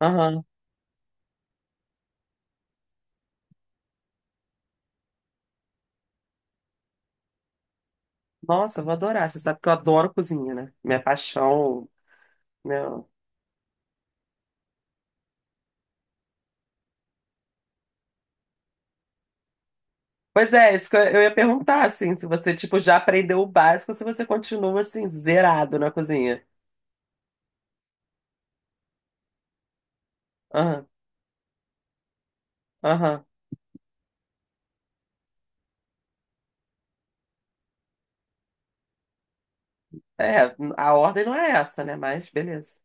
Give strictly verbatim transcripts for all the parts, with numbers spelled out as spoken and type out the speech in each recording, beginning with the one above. Aham. Nossa, eu vou adorar. Você sabe que eu adoro cozinha, né? Minha paixão. Meu... Pois é, isso que eu eu ia perguntar, assim, se você, tipo, já aprendeu o básico, se você continua, assim, zerado na cozinha. Aham, aham. É, a ordem não é essa, né? Mas beleza.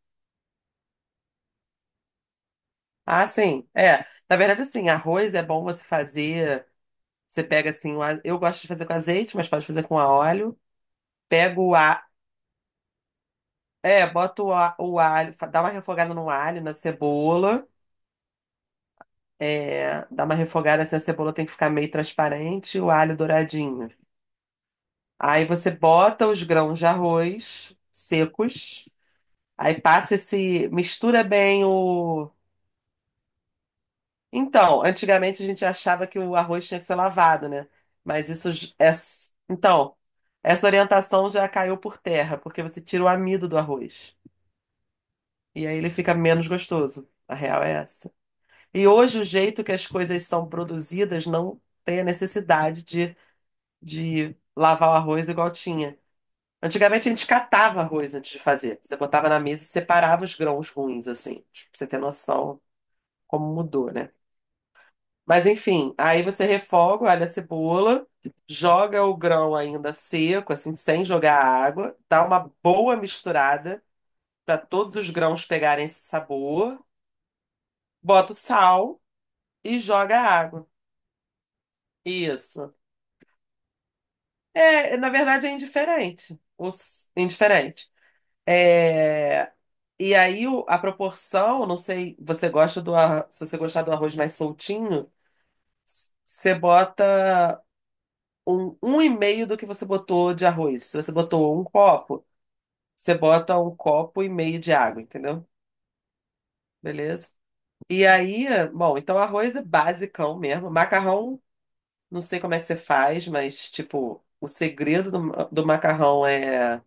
Ah, sim, é. Na verdade, assim, arroz é bom você fazer. Você pega, assim, o a- eu gosto de fazer com azeite, mas pode fazer com a óleo. Pega o a... É, bota o a- o alho, fa- dá uma refogada no alho, na cebola. É, dá uma refogada assim, a cebola tem que ficar meio transparente, o alho douradinho. Aí você bota os grãos de arroz secos, aí passa esse, mistura bem o. Então, antigamente a gente achava que o arroz tinha que ser lavado, né? Mas isso j- é. s- Então, essa orientação já caiu por terra, porque você tira o amido do arroz. E aí ele fica menos gostoso. A real é essa. E hoje o jeito que as coisas são produzidas não tem a necessidade de de lavar o arroz igual tinha. Antigamente a gente catava arroz antes de fazer. Você botava na mesa e separava os grãos ruins, assim. Tipo, pra você ter noção como mudou, né? Mas enfim, aí você refoga, olha a cebola, joga o grão ainda seco, assim, sem jogar água, dá uma boa misturada para todos os grãos pegarem esse sabor, bota o sal e joga a água. Isso. É, na verdade é indiferente. O s- indiferente. É. E aí o- a proporção, não sei, você gosta do arroz, se você gostar do arroz mais soltinho, s- você bota um, um e meio do que você botou de arroz. Se você botou um copo, você bota um copo e meio de água, entendeu? Beleza? E aí, bom, então arroz é basicão mesmo. Macarrão, não sei como é que você faz, mas tipo, o segredo do, do macarrão é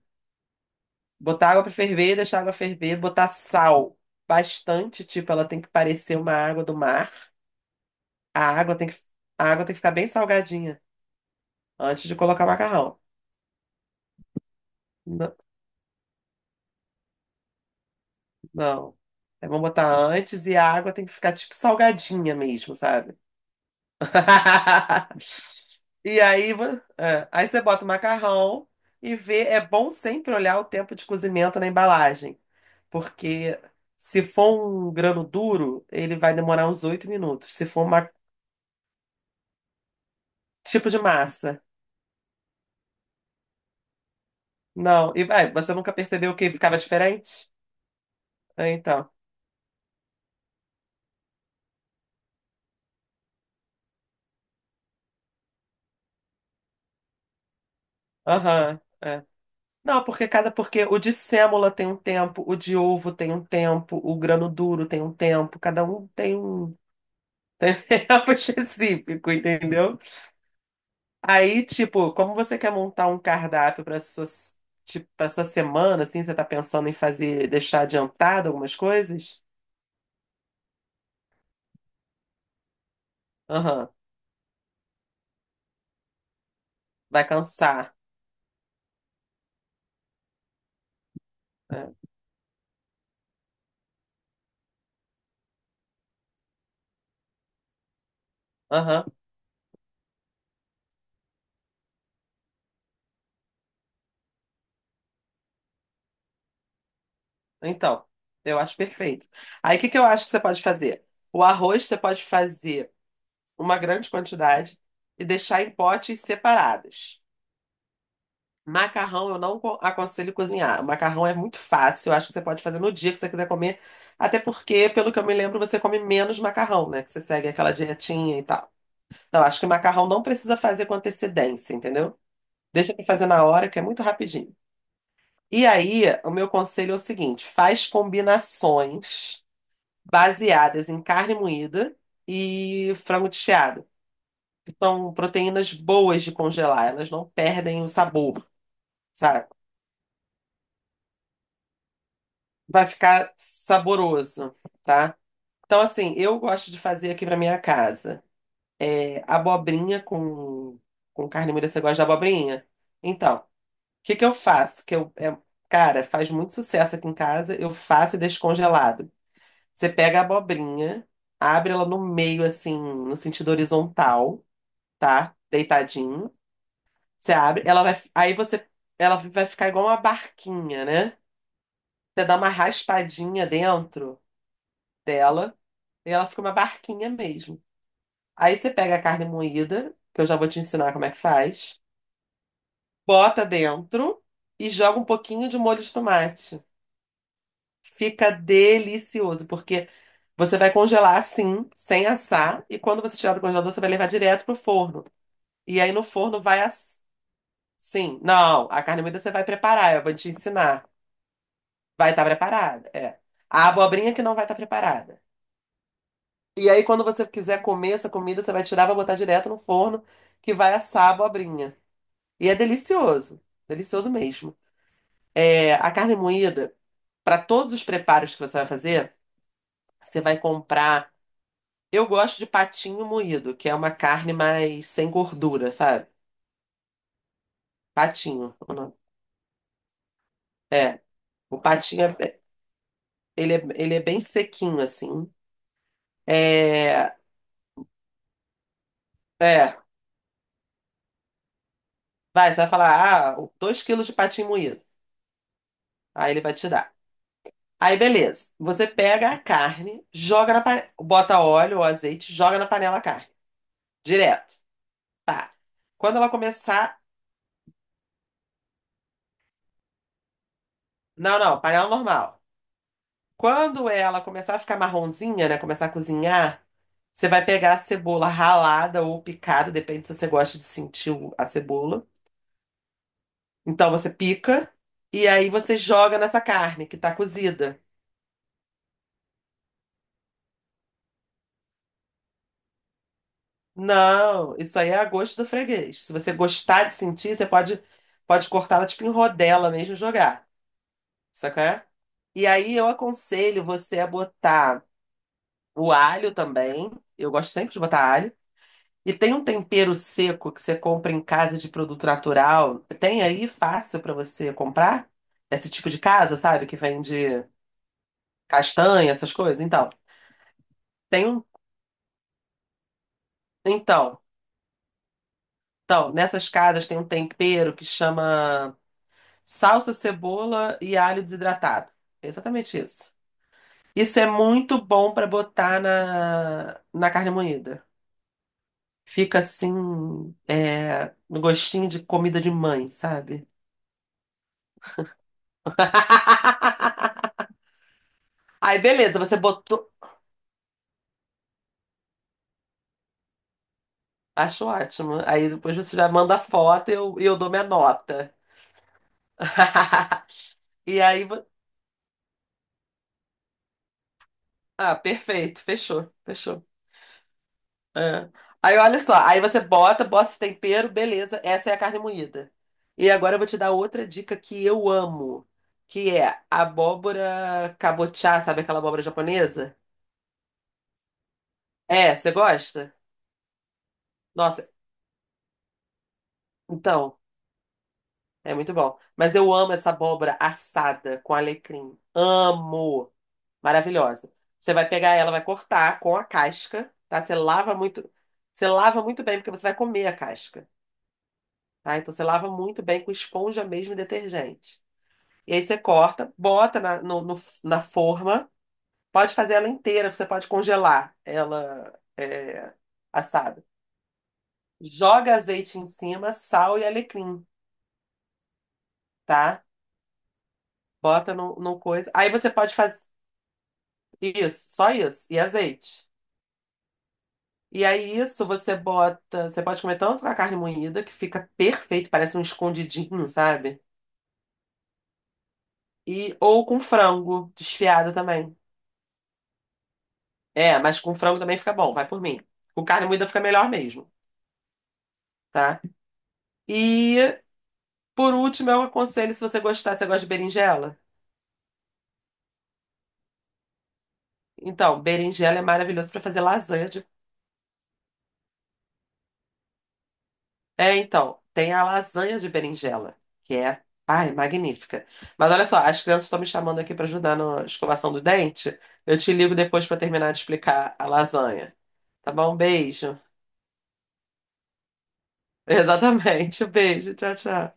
botar água pra ferver, deixar a água ferver, botar sal bastante, tipo, ela tem que parecer uma água do mar. A água tem que, a água tem que ficar bem salgadinha antes de colocar o macarrão. N- Não. É bom botar antes e a água tem que ficar tipo salgadinha mesmo, sabe? E aí, vo- é, aí você bota o macarrão e vê. É bom sempre olhar o tempo de cozimento na embalagem, porque se for um grano duro, ele vai demorar uns oito minutos. Se for um tipo de massa, não. E vai, você nunca percebeu que ficava diferente? É, então, aham, é. Não, porque cada porque o de sêmola tem um tempo, o de ovo tem um tempo, o grano duro tem um tempo, cada um tem um tem tempo específico, entendeu? Aí, tipo, como você quer montar um cardápio para sua tipo, para sua semana, assim, você tá pensando em fazer deixar adiantado algumas coisas? Aham, vai cansar. Né? Aham. Então, eu acho perfeito. Aí, o que que eu acho que você pode fazer? O arroz você pode fazer uma grande quantidade e deixar em potes separados. Macarrão eu não co- aconselho cozinhar. O macarrão é muito fácil, eu acho que você pode fazer no dia que você quiser comer, até porque, pelo que eu me lembro, você come menos macarrão, né? Que você segue aquela dietinha e tal. Então, acho que macarrão não precisa fazer com antecedência, entendeu? Deixa pra fazer na hora, que é muito rapidinho. E aí, o meu conselho é o seguinte: faz combinações baseadas em carne moída e frango desfiado, que são proteínas boas de congelar, elas não perdem o sabor. Sabe? Vai ficar saboroso, tá? Então, assim, eu gosto de fazer aqui pra minha casa. É, abobrinha com, com carne moída. Você gosta de abobrinha? Então, o que que eu faço? Que eu, é- cara, faz muito sucesso aqui em casa. Eu faço e deixo congelado. Você pega a abobrinha, abre ela no meio, assim, no sentido horizontal, tá? Deitadinho. Você abre, ela vai, aí você, ela vai ficar igual uma barquinha, né? Você dá uma raspadinha dentro dela. E ela fica uma barquinha mesmo. Aí você pega a carne moída, que eu já vou te ensinar como é que faz, bota dentro e joga um pouquinho de molho de tomate. Fica delicioso, porque você vai congelar assim, sem assar, e quando você tirar do congelador, você vai levar direto pro forno. E aí no forno vai assim. Sim, não, a carne moída você vai preparar, eu vou te ensinar. Vai estar preparada, é. A abobrinha que não vai estar preparada. E aí, quando você quiser comer essa comida, você vai tirar, vai botar direto no forno, que vai assar a abobrinha. E é delicioso. Delicioso mesmo. É, a carne moída, para todos os preparos que você vai fazer, você vai comprar. Eu gosto de patinho moído, que é uma carne mais sem gordura, sabe? Patinho. O nome. É. O patinho, é- ele é, ele é bem sequinho, assim. É. É. Vai, você vai falar, ah, dois quilos de patinho moído. Aí ele vai tirar. Aí, beleza. Você pega a carne, joga na panela, bota óleo ou azeite, joga na panela a carne. Direto. Tá. Quando ela começar. Não, não, panela normal. Quando ela começar a ficar marronzinha, né? Começar a cozinhar, você vai pegar a cebola ralada ou picada, depende se você gosta de sentir o- a cebola. Então você pica e aí você joga nessa carne que tá cozida. Não, isso aí é a gosto do freguês. Se você gostar de sentir, você pode, pode cortar ela tipo em rodela mesmo e jogar. Saca? E aí eu aconselho você a botar o alho também. Eu gosto sempre de botar alho. E tem um tempero seco que você compra em casa de produto natural. Tem aí fácil pra você comprar? Esse tipo de casa, sabe? Que vende castanha, essas coisas. Então, tem um. Então, então, nessas casas tem um tempero que chama salsa, cebola e alho desidratado. É exatamente isso. Isso é muito bom pra botar na, na carne moída. Fica assim, é, no gostinho de comida de mãe, sabe? Aí beleza, você botou. Acho ótimo. Aí depois você já manda a foto e eu, e eu dou minha nota. E aí. vo- Ah, perfeito. Fechou, fechou. É. Aí olha só, aí você bota, bota esse tempero, beleza. Essa é a carne moída. E agora eu vou te dar outra dica que eu amo, que é abóbora cabotiá, sabe aquela abóbora japonesa? É, você gosta? Nossa, então. É muito bom. Mas eu amo essa abóbora assada com alecrim. Amo! Maravilhosa. Você vai pegar ela, vai cortar com a casca, tá? Você lava muito, você lava muito bem, porque você vai comer a casca, tá? Então você lava muito bem com esponja mesmo e detergente. E aí você corta, bota na, no- no- na forma. Pode fazer ela inteira, você pode congelar ela é, assada. Joga azeite em cima, sal e alecrim, tá? Bota no, no coisa. Aí você pode fazer. Isso, só isso. E azeite. E aí, isso você bota. Você pode comer tanto com a carne moída, que fica perfeito, parece um escondidinho, sabe? E, ou com frango desfiado também. É, mas com frango também fica bom, vai por mim. Com carne moída fica melhor mesmo, tá? E, por último, eu aconselho, se você gostar, você gosta de berinjela? Então, berinjela é maravilhoso para fazer lasanha. É, então, tem a lasanha de berinjela, que é, ai, magnífica. Mas olha só, as crianças estão me chamando aqui para ajudar na escovação do dente. Eu te ligo depois para terminar de explicar a lasanha. Tá bom? Beijo. Exatamente. Beijo. Tchau, tchau.